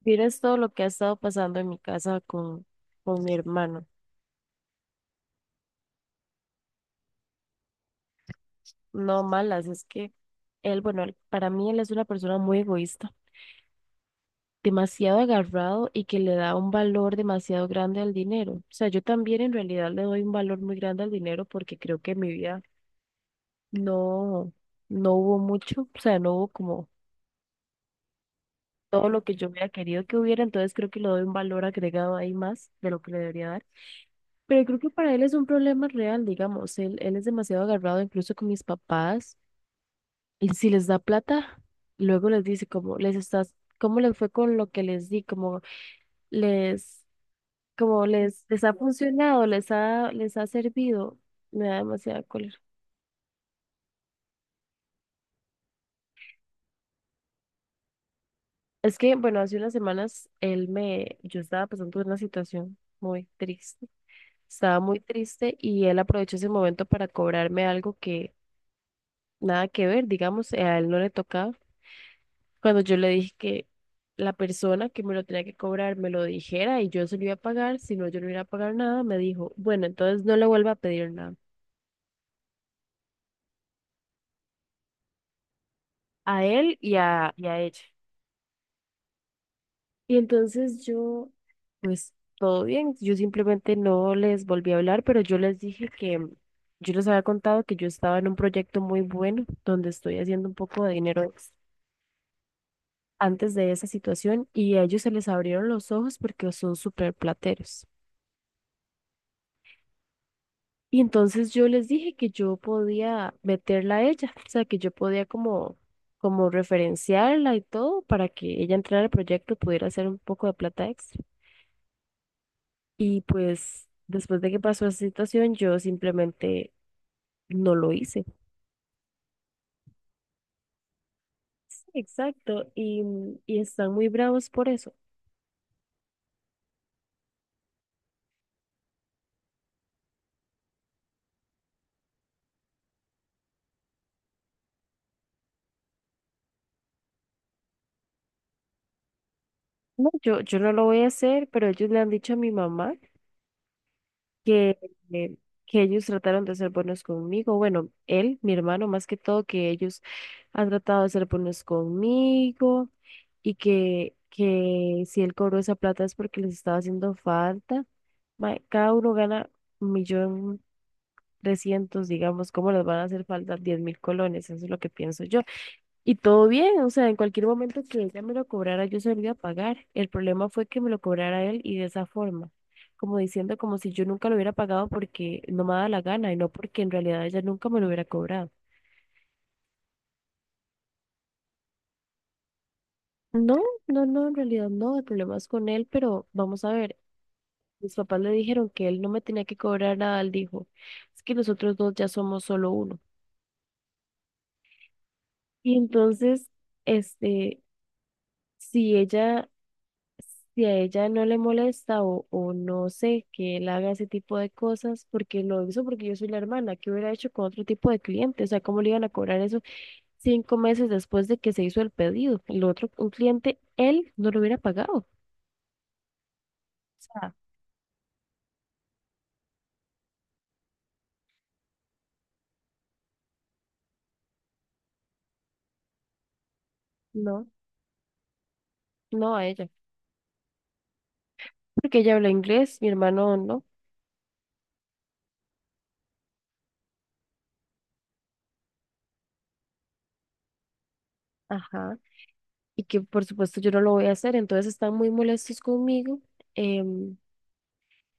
Vieras todo lo que ha estado pasando en mi casa con mi hermano. No malas, es que para mí él es una persona muy egoísta, demasiado agarrado y que le da un valor demasiado grande al dinero. O sea, yo también en realidad le doy un valor muy grande al dinero porque creo que en mi vida no, no hubo mucho, o sea, no hubo como todo lo que yo hubiera querido que hubiera, entonces creo que le doy un valor agregado ahí más de lo que le debería dar. Pero creo que para él es un problema real, digamos, él es demasiado agarrado incluso con mis papás y si les da plata, luego les dice como les estás, cómo les fue con lo que les di, les, como les ha funcionado, les ha servido, me da demasiada cólera. Es que, bueno, hace unas semanas yo estaba pasando por una situación muy triste, estaba muy triste y él aprovechó ese momento para cobrarme algo que nada que ver, digamos, a él no le tocaba. Cuando yo le dije que la persona que me lo tenía que cobrar me lo dijera y yo se lo iba a pagar, si no yo no iba a pagar nada, me dijo, bueno, entonces no le vuelva a pedir nada a él y a ella. Y entonces yo, pues todo bien, yo simplemente no les volví a hablar, pero yo les dije que yo les había contado que yo estaba en un proyecto muy bueno donde estoy haciendo un poco de dinero extra antes de esa situación y a ellos se les abrieron los ojos porque son súper plateros. Y entonces yo les dije que yo podía meterla a ella, o sea, que yo podía como referenciarla y todo para que ella entrara al proyecto y pudiera hacer un poco de plata extra. Y pues después de que pasó esa situación, yo simplemente no lo hice. Sí, exacto. Y están muy bravos por eso. No, yo no lo voy a hacer, pero ellos le han dicho a mi mamá que, eh, que ellos trataron de ser buenos conmigo. Bueno, él, mi hermano, más que todo, que ellos han tratado de ser buenos conmigo y que si él cobró esa plata es porque les estaba haciendo falta. Cada uno gana 1,300,000, digamos, ¿cómo les van a hacer falta 10,000 colones? Eso es lo que pienso yo. Y todo bien, o sea, en cualquier momento que ella me lo cobrara, yo se lo iba a pagar. El problema fue que me lo cobrara él y de esa forma, como diciendo como si yo nunca lo hubiera pagado porque no me daba la gana y no porque en realidad ella nunca me lo hubiera cobrado. No, no, no, en realidad no, el problema es con él, pero vamos a ver, mis papás le dijeron que él no me tenía que cobrar nada, él dijo, es que nosotros dos ya somos solo uno. Y entonces, este, si ella si a ella no le molesta o no sé que él haga ese tipo de cosas, porque lo hizo porque yo soy la hermana, ¿qué hubiera hecho con otro tipo de cliente? O sea, ¿cómo le iban a cobrar eso 5 meses después de que se hizo el pedido? El otro, un cliente, él no lo hubiera pagado. O sea, no, no a ella, porque ella habla inglés, mi hermano no. Ajá. Y que por supuesto yo no lo voy a hacer, entonces están muy molestos conmigo. em,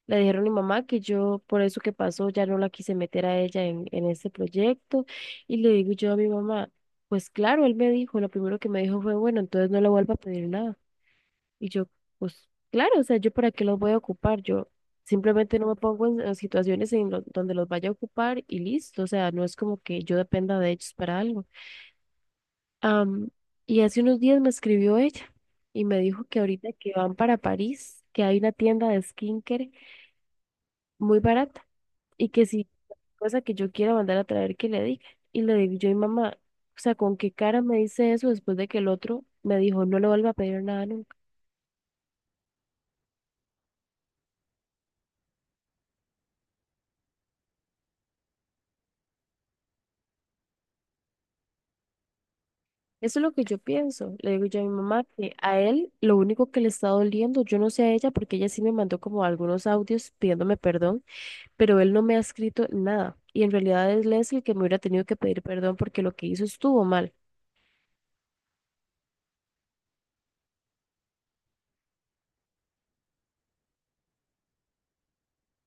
Le dijeron a mi mamá que yo, por eso que pasó, ya no la quise meter a ella en este proyecto. Y le digo yo a mi mamá, pues claro, él me dijo, lo primero que me dijo fue, bueno, entonces no le vuelva a pedir nada. Y yo, pues claro, o sea, yo para qué los voy a ocupar, yo simplemente no me pongo en situaciones donde los vaya a ocupar y listo, o sea, no es como que yo dependa de ellos para algo. Am, y hace unos días me escribió ella y me dijo que ahorita que van para París, que hay una tienda de skincare muy barata y que si cosa que yo quiera mandar a traer que le diga. Y le digo yo, y mamá, o sea, ¿con qué cara me dice eso después de que el otro me dijo no le vuelva a pedir nada nunca? Eso es lo que yo pienso. Le digo yo a mi mamá que a él lo único que le está doliendo, yo no sé a ella porque ella sí me mandó como algunos audios pidiéndome perdón, pero él no me ha escrito nada. Y en realidad es Leslie el que me hubiera tenido que pedir perdón porque lo que hizo estuvo mal.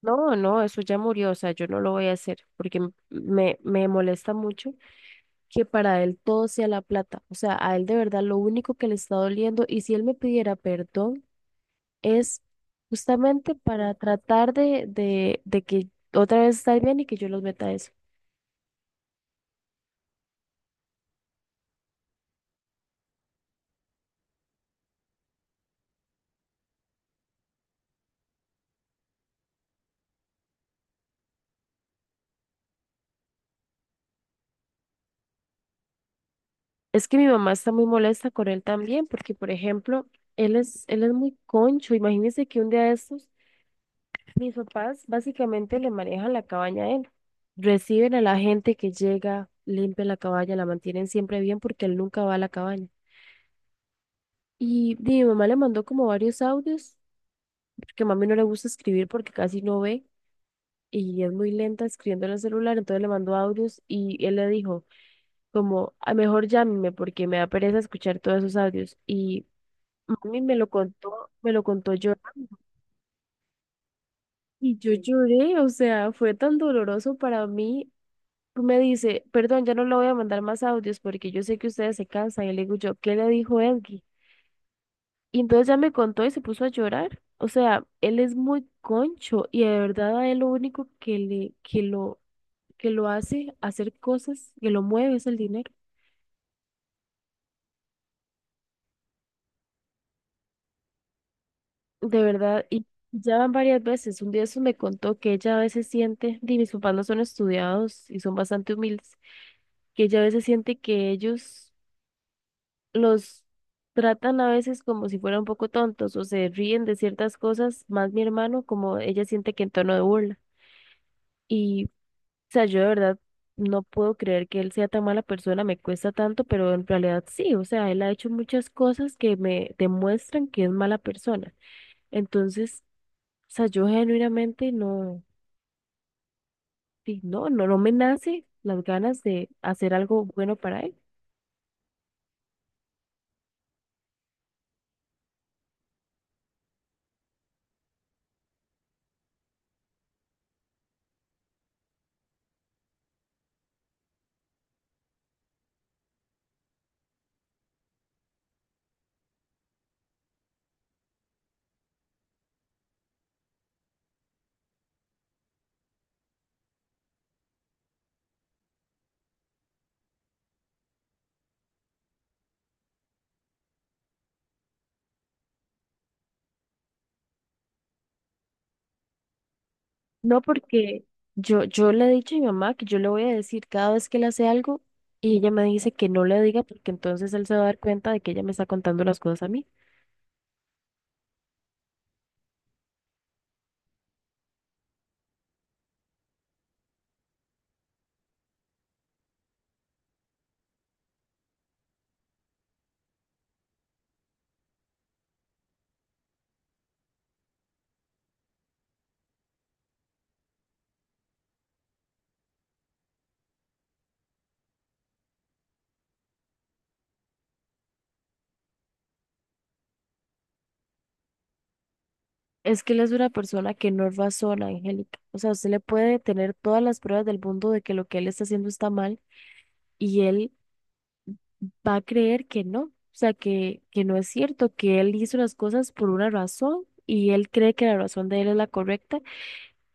No, no, eso ya murió, o sea, yo no lo voy a hacer porque me molesta mucho que para él todo sea la plata, o sea, a él de verdad lo único que le está doliendo y si él me pidiera perdón es justamente para tratar de que otra vez estar bien y que yo los meta a eso. Es que mi mamá está muy molesta con él también porque, por ejemplo, él es muy concho, imagínense que un día de estos... Mis papás básicamente le manejan la cabaña a él. Reciben a la gente que llega, limpian la cabaña, la mantienen siempre bien porque él nunca va a la cabaña. Y di, mi mamá le mandó como varios audios, porque a mami no le gusta escribir porque casi no ve y es muy lenta escribiendo en el celular, entonces le mandó audios y él le dijo como, a mejor llámeme porque me da pereza escuchar todos esos audios. Y mami me lo contó llorando. Y yo lloré, o sea, fue tan doloroso para mí. Me dice, perdón, ya no le voy a mandar más audios porque yo sé que ustedes se cansan. Y le digo yo, ¿qué le dijo Edgy? Y entonces ya me contó y se puso a llorar. O sea, él es muy concho y de verdad a él lo único que lo hace hacer cosas, que lo mueve es el dinero. De verdad, y ya van varias veces. Un día eso me contó que ella a veces siente, y mis papás no son estudiados y son bastante humildes, que ella a veces siente que ellos los tratan a veces como si fueran un poco tontos o se ríen de ciertas cosas, más mi hermano, como ella siente que en tono de burla. Y, o sea, yo de verdad no puedo creer que él sea tan mala persona, me cuesta tanto, pero en realidad sí, o sea, él ha hecho muchas cosas que me demuestran que es mala persona. Entonces, o sea, yo genuinamente sí, no me nace las ganas de hacer algo bueno para él. No, porque yo le he dicho a mi mamá que yo le voy a decir cada vez que le hace algo y ella me dice que no le diga porque entonces él se va a dar cuenta de que ella me está contando las cosas a mí. Es que él es una persona que no razona, Angélica. O sea, usted le puede tener todas las pruebas del mundo de que lo que él está haciendo está mal y él va a creer que no. O sea, que no es cierto, que él hizo las cosas por una razón y él cree que la razón de él es la correcta.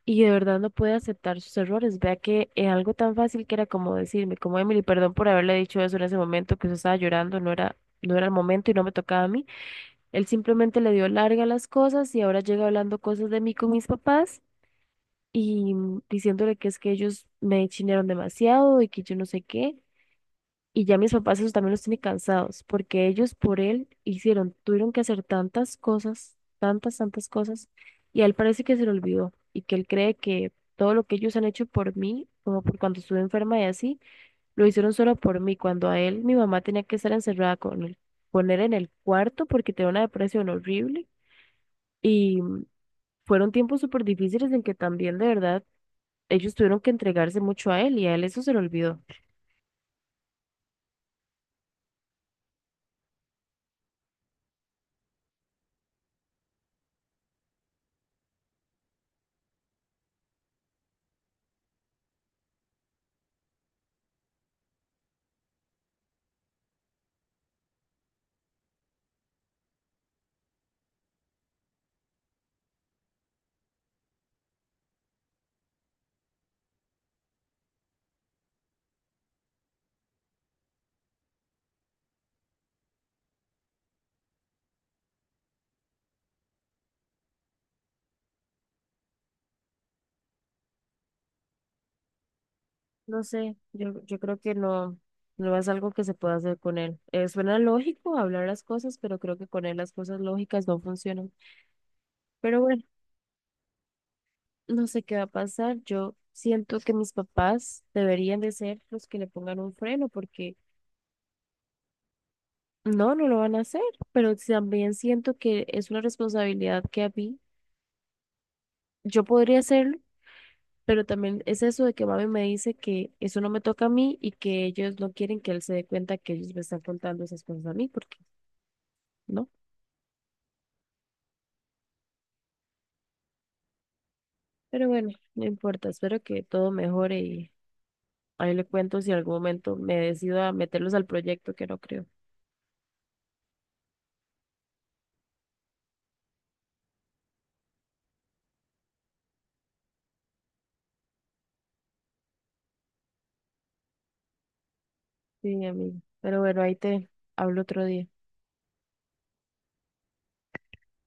Y de verdad no puede aceptar sus errores. Vea que es algo tan fácil que era como decirme, como Emily, perdón por haberle dicho eso en ese momento, que usted estaba llorando, no era el momento y no me tocaba a mí. Él simplemente le dio larga a las cosas y ahora llega hablando cosas de mí con mis papás y diciéndole que es que ellos me chinearon demasiado y que yo no sé qué. Y ya mis papás eso también los tiene cansados, porque ellos por él hicieron, tuvieron que hacer tantas cosas, tantas cosas, y a él parece que se le olvidó, y que él cree que todo lo que ellos han hecho por mí, como por cuando estuve enferma y así, lo hicieron solo por mí, cuando a él mi mamá tenía que estar encerrada con él, poner en el cuarto porque tenía una depresión horrible, y fueron tiempos súper difíciles en que también de verdad ellos tuvieron que entregarse mucho a él, y a él eso se le olvidó. No sé, yo creo que no es algo que se pueda hacer con él. Suena lógico hablar las cosas, pero creo que con él las cosas lógicas no funcionan. Pero bueno, no sé qué va a pasar. Yo siento que mis papás deberían de ser los que le pongan un freno, porque no lo van a hacer, pero también siento que es una responsabilidad que a mí, yo podría hacerlo, pero también es eso de que mami me dice que eso no me toca a mí y que ellos no quieren que él se dé cuenta que ellos me están contando esas cosas a mí, porque... ¿no? Pero bueno, no importa, espero que todo mejore y ahí le cuento si en algún momento me decido a meterlos al proyecto, que no creo. Sí, amigo. Pero bueno, ahí te hablo otro día.